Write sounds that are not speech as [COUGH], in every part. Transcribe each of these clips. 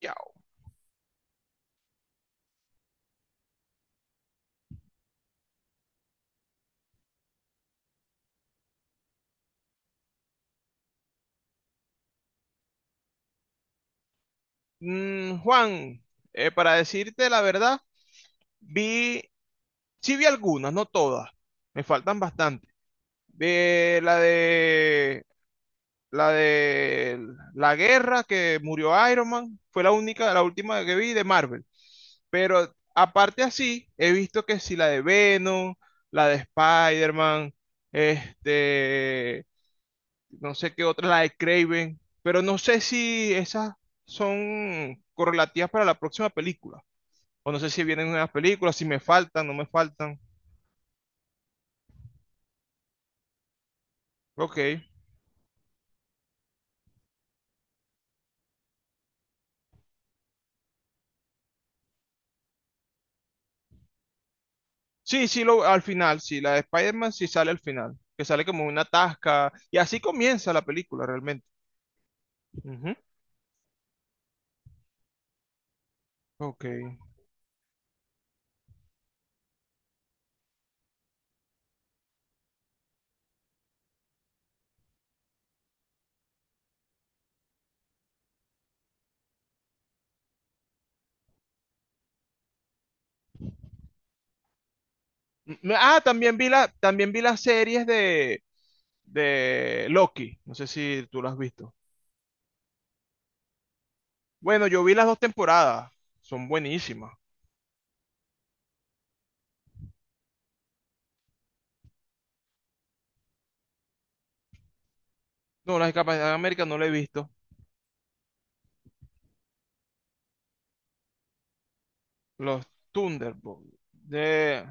Ya. Juan, para decirte la verdad, vi, sí vi algunas, no todas, me faltan bastante. De la de de la guerra que murió Iron Man, fue la única, la última que vi de Marvel. Pero aparte así, he visto que sí la de Venom, la de Spider-Man, este, no sé qué otra, la de Craven, pero no sé si esas son correlativas para la próxima película. O no sé si vienen unas películas, si me faltan, no me faltan. Ok. Sí, sí, lo, al final, sí, la de Spider-Man sí sale al final, que sale como una tasca, y así comienza la película realmente. Ujú. Ok. Ah, también vi también vi las series de Loki, no sé si tú las has visto. Bueno, yo vi las dos temporadas, son buenísimas. No, las de Capitán América no la he visto, los Thunderbolts, de...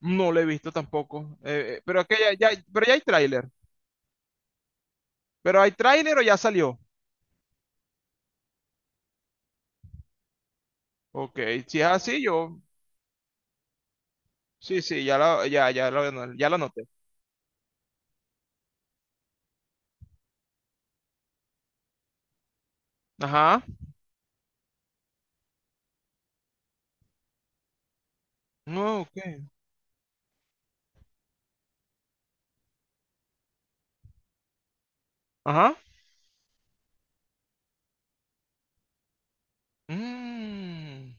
no la he visto tampoco. Pero, pero ya hay tráiler. ¿Pero hay tráiler o ya salió? Ok, si es así, yo. Sí, sí, ya lo anoté. Ajá. No, ok. Ajá. Mm.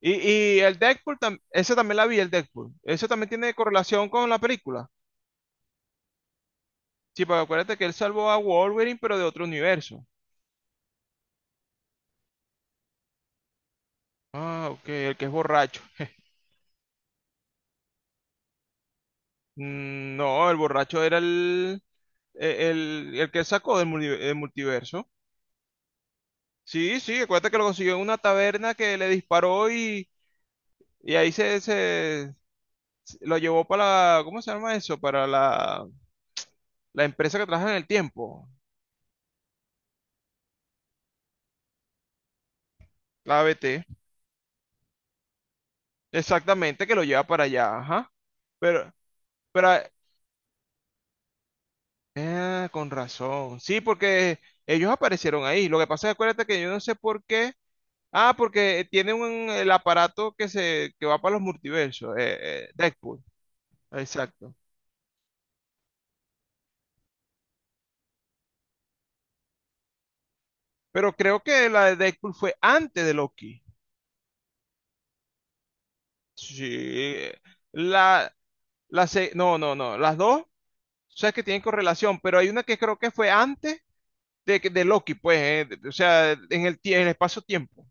Y, y el Deadpool, ese también la vi, el Deadpool. Ese también tiene correlación con la película. Sí, pero acuérdate que él salvó a Wolverine, pero de otro universo. Ah, ok, el que es borracho. No, el borracho era el que sacó del multiverso. Sí, sí, acuérdate que lo consiguió en una taberna que le disparó y, Y ahí se, se- lo llevó para la, ¿cómo se llama eso? La empresa que trabaja en el tiempo, la ABT. Exactamente, que lo lleva para allá, ajá. Pero, pero, ah, con razón. Sí, porque ellos aparecieron ahí. Lo que pasa es, acuérdate que yo no sé por qué. Ah, porque tiene un, el aparato que se, que va para los multiversos, Deadpool. Exacto. Pero creo que la de Deadpool fue antes de Loki. Sí. La, no, no, no. Las dos, o sea, que tienen correlación, pero hay una que creo que fue antes de Loki, pues, o sea, en en el espacio-tiempo.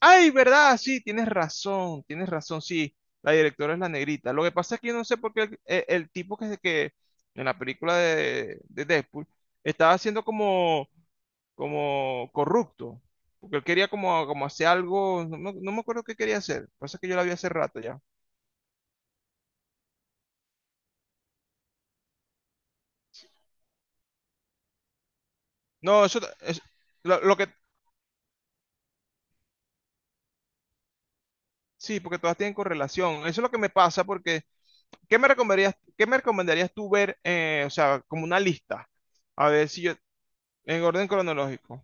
Ay, ¿verdad? Sí, tienes razón, sí, la directora es la negrita. Lo que pasa es que yo no sé por qué el tipo que en la película de Deadpool estaba siendo como, como corrupto, porque él quería como, como hacer algo, no me acuerdo qué quería hacer. Lo que pasa es que yo la vi hace rato ya. No, eso, es- lo que, sí, porque todas tienen correlación, eso es lo que me pasa porque... qué me recomendarías tú ver, o sea, como una lista? A ver si yo, en orden cronológico.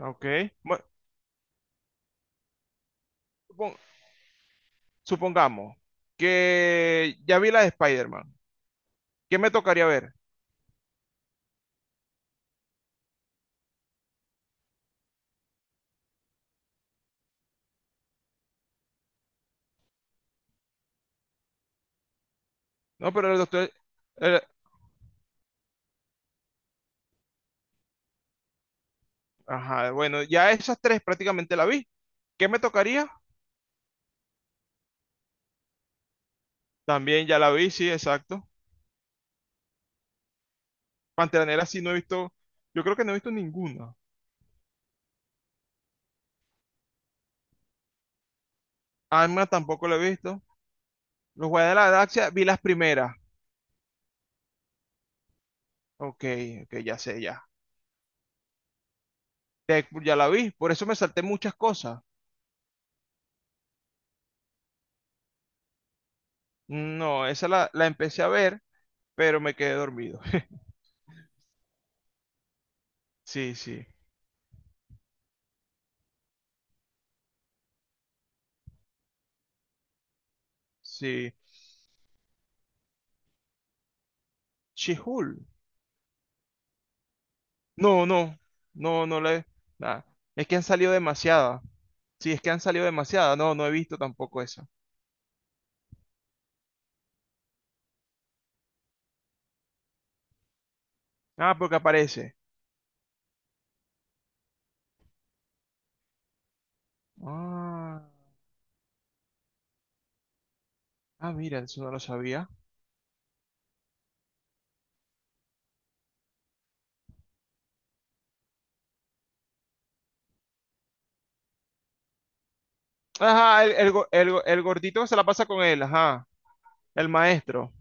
Ok. Bueno, supon- supongamos que ya vi la de Spider-Man. ¿Qué me tocaría ver? No, pero el doctor... el- ajá, bueno, ya esas tres prácticamente la vi. ¿Qué me tocaría? También ya la vi, sí, exacto. Pantera Negra sí no he visto, yo creo que no he visto ninguna. Alma tampoco la he visto. Los Guardianes de la Galaxia vi las primeras. Ok, ok, ya sé, ya. Deadpool ya la vi, por eso me salté muchas cosas. No, esa la empecé a ver, pero me quedé dormido. [LAUGHS] Sí, sí, sí. She-Hulk. No, no, no la he. Nada. Es que han salido demasiadas. Sí, es que han salido demasiadas. No, no he visto tampoco esa. Ah, porque aparece. Ah, ah, mira, eso no lo sabía. Ajá, el gordito que se la pasa con él, ajá. El maestro.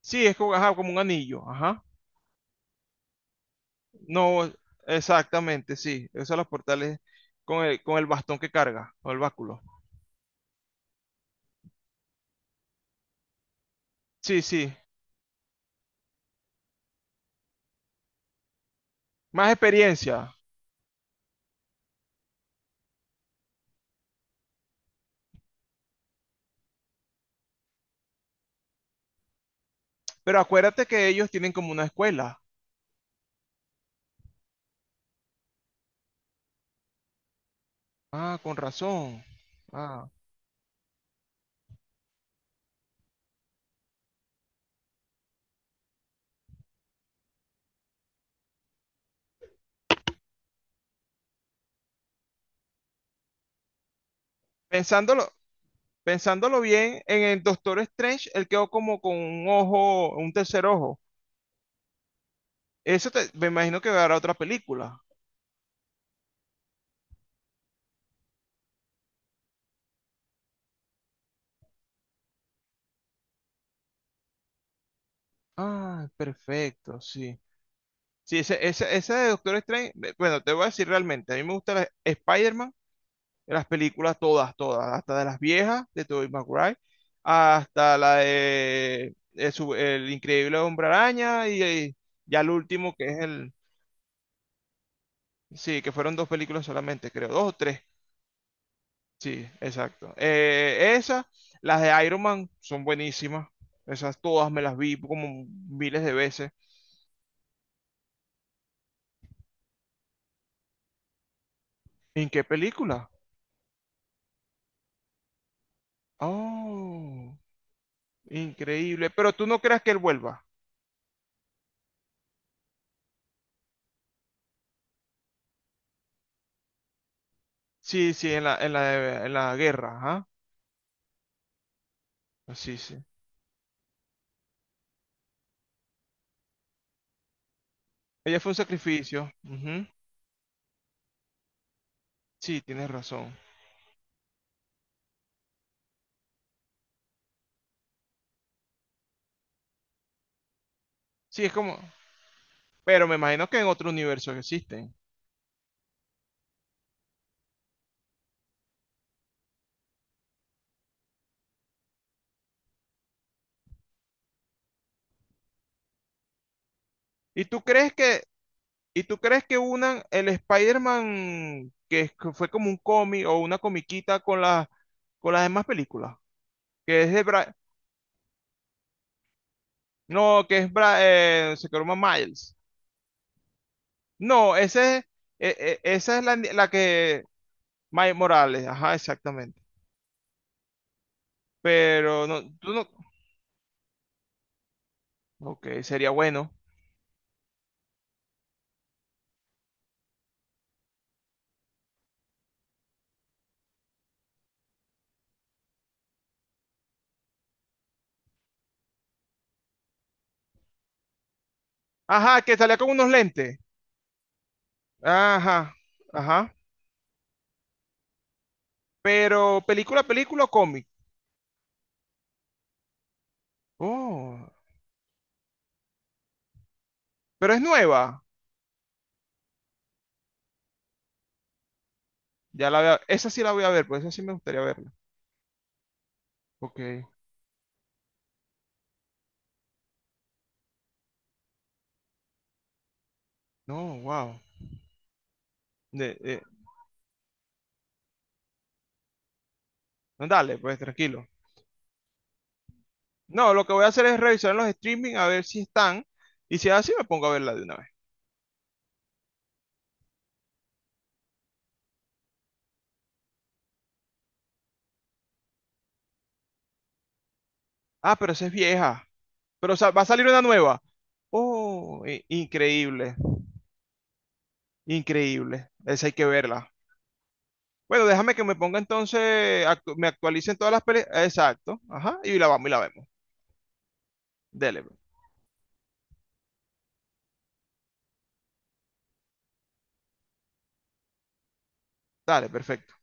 Sí, es como, ajá, como un anillo, ajá. No, exactamente, sí. Usa los portales con el bastón que carga, o el báculo. Sí, sí. Más experiencia. Pero acuérdate que ellos tienen como una escuela. Ah, con razón. Ah. Pensándolo, pensándolo bien, en el Doctor Strange, él quedó como con un ojo, un tercer ojo. Me imagino que dará otra película. Ah, perfecto, sí. Sí, ese de Doctor Strange, bueno, te voy a decir realmente, a mí me gusta Spider-Man. De las películas todas, todas, hasta de las viejas de Tobey Maguire, hasta la de, El Increíble Hombre Araña y ya el último que es el, sí, que fueron dos películas solamente, creo, dos o tres, sí, exacto. Las de Iron Man son buenísimas, esas todas me las vi como miles de veces. ¿En qué película? Oh, increíble, pero tú no creas que él vuelva. Sí, sí, en en la guerra, ajá. Sí, sí. Ella fue un sacrificio. Ujú. Sí, tienes razón. Sí, es como, pero me imagino que en otro universo existen. ¿Y tú crees que, y tú crees que unan el Spider-Man que que fue como un cómic o una comiquita con las demás películas? Que es de Bra- no, que es se llama Miles. No, ese es- e- e- esa es la, la que Miles Morales, ajá, exactamente. Pero no, tú no, ok, sería bueno. Ajá, que salía con unos lentes. Ajá, ajá. Pero película, película o cómic. Oh, pero es nueva. Esa sí la voy a ver, pues esa sí me gustaría verla. Ok. No, wow. De- de- no, dale, pues tranquilo. No, lo que voy a hacer es revisar los streaming a ver si están. Y si es así, me pongo a verla de una vez. Ah, pero esa es vieja. Va a salir una nueva. Oh, increíble. Increíble. Esa hay que verla. Bueno, déjame que me ponga entonces, me actualicen todas las películas. Exacto. Ajá. Y la vamos y la vemos. Dale, pues. Dale, perfecto.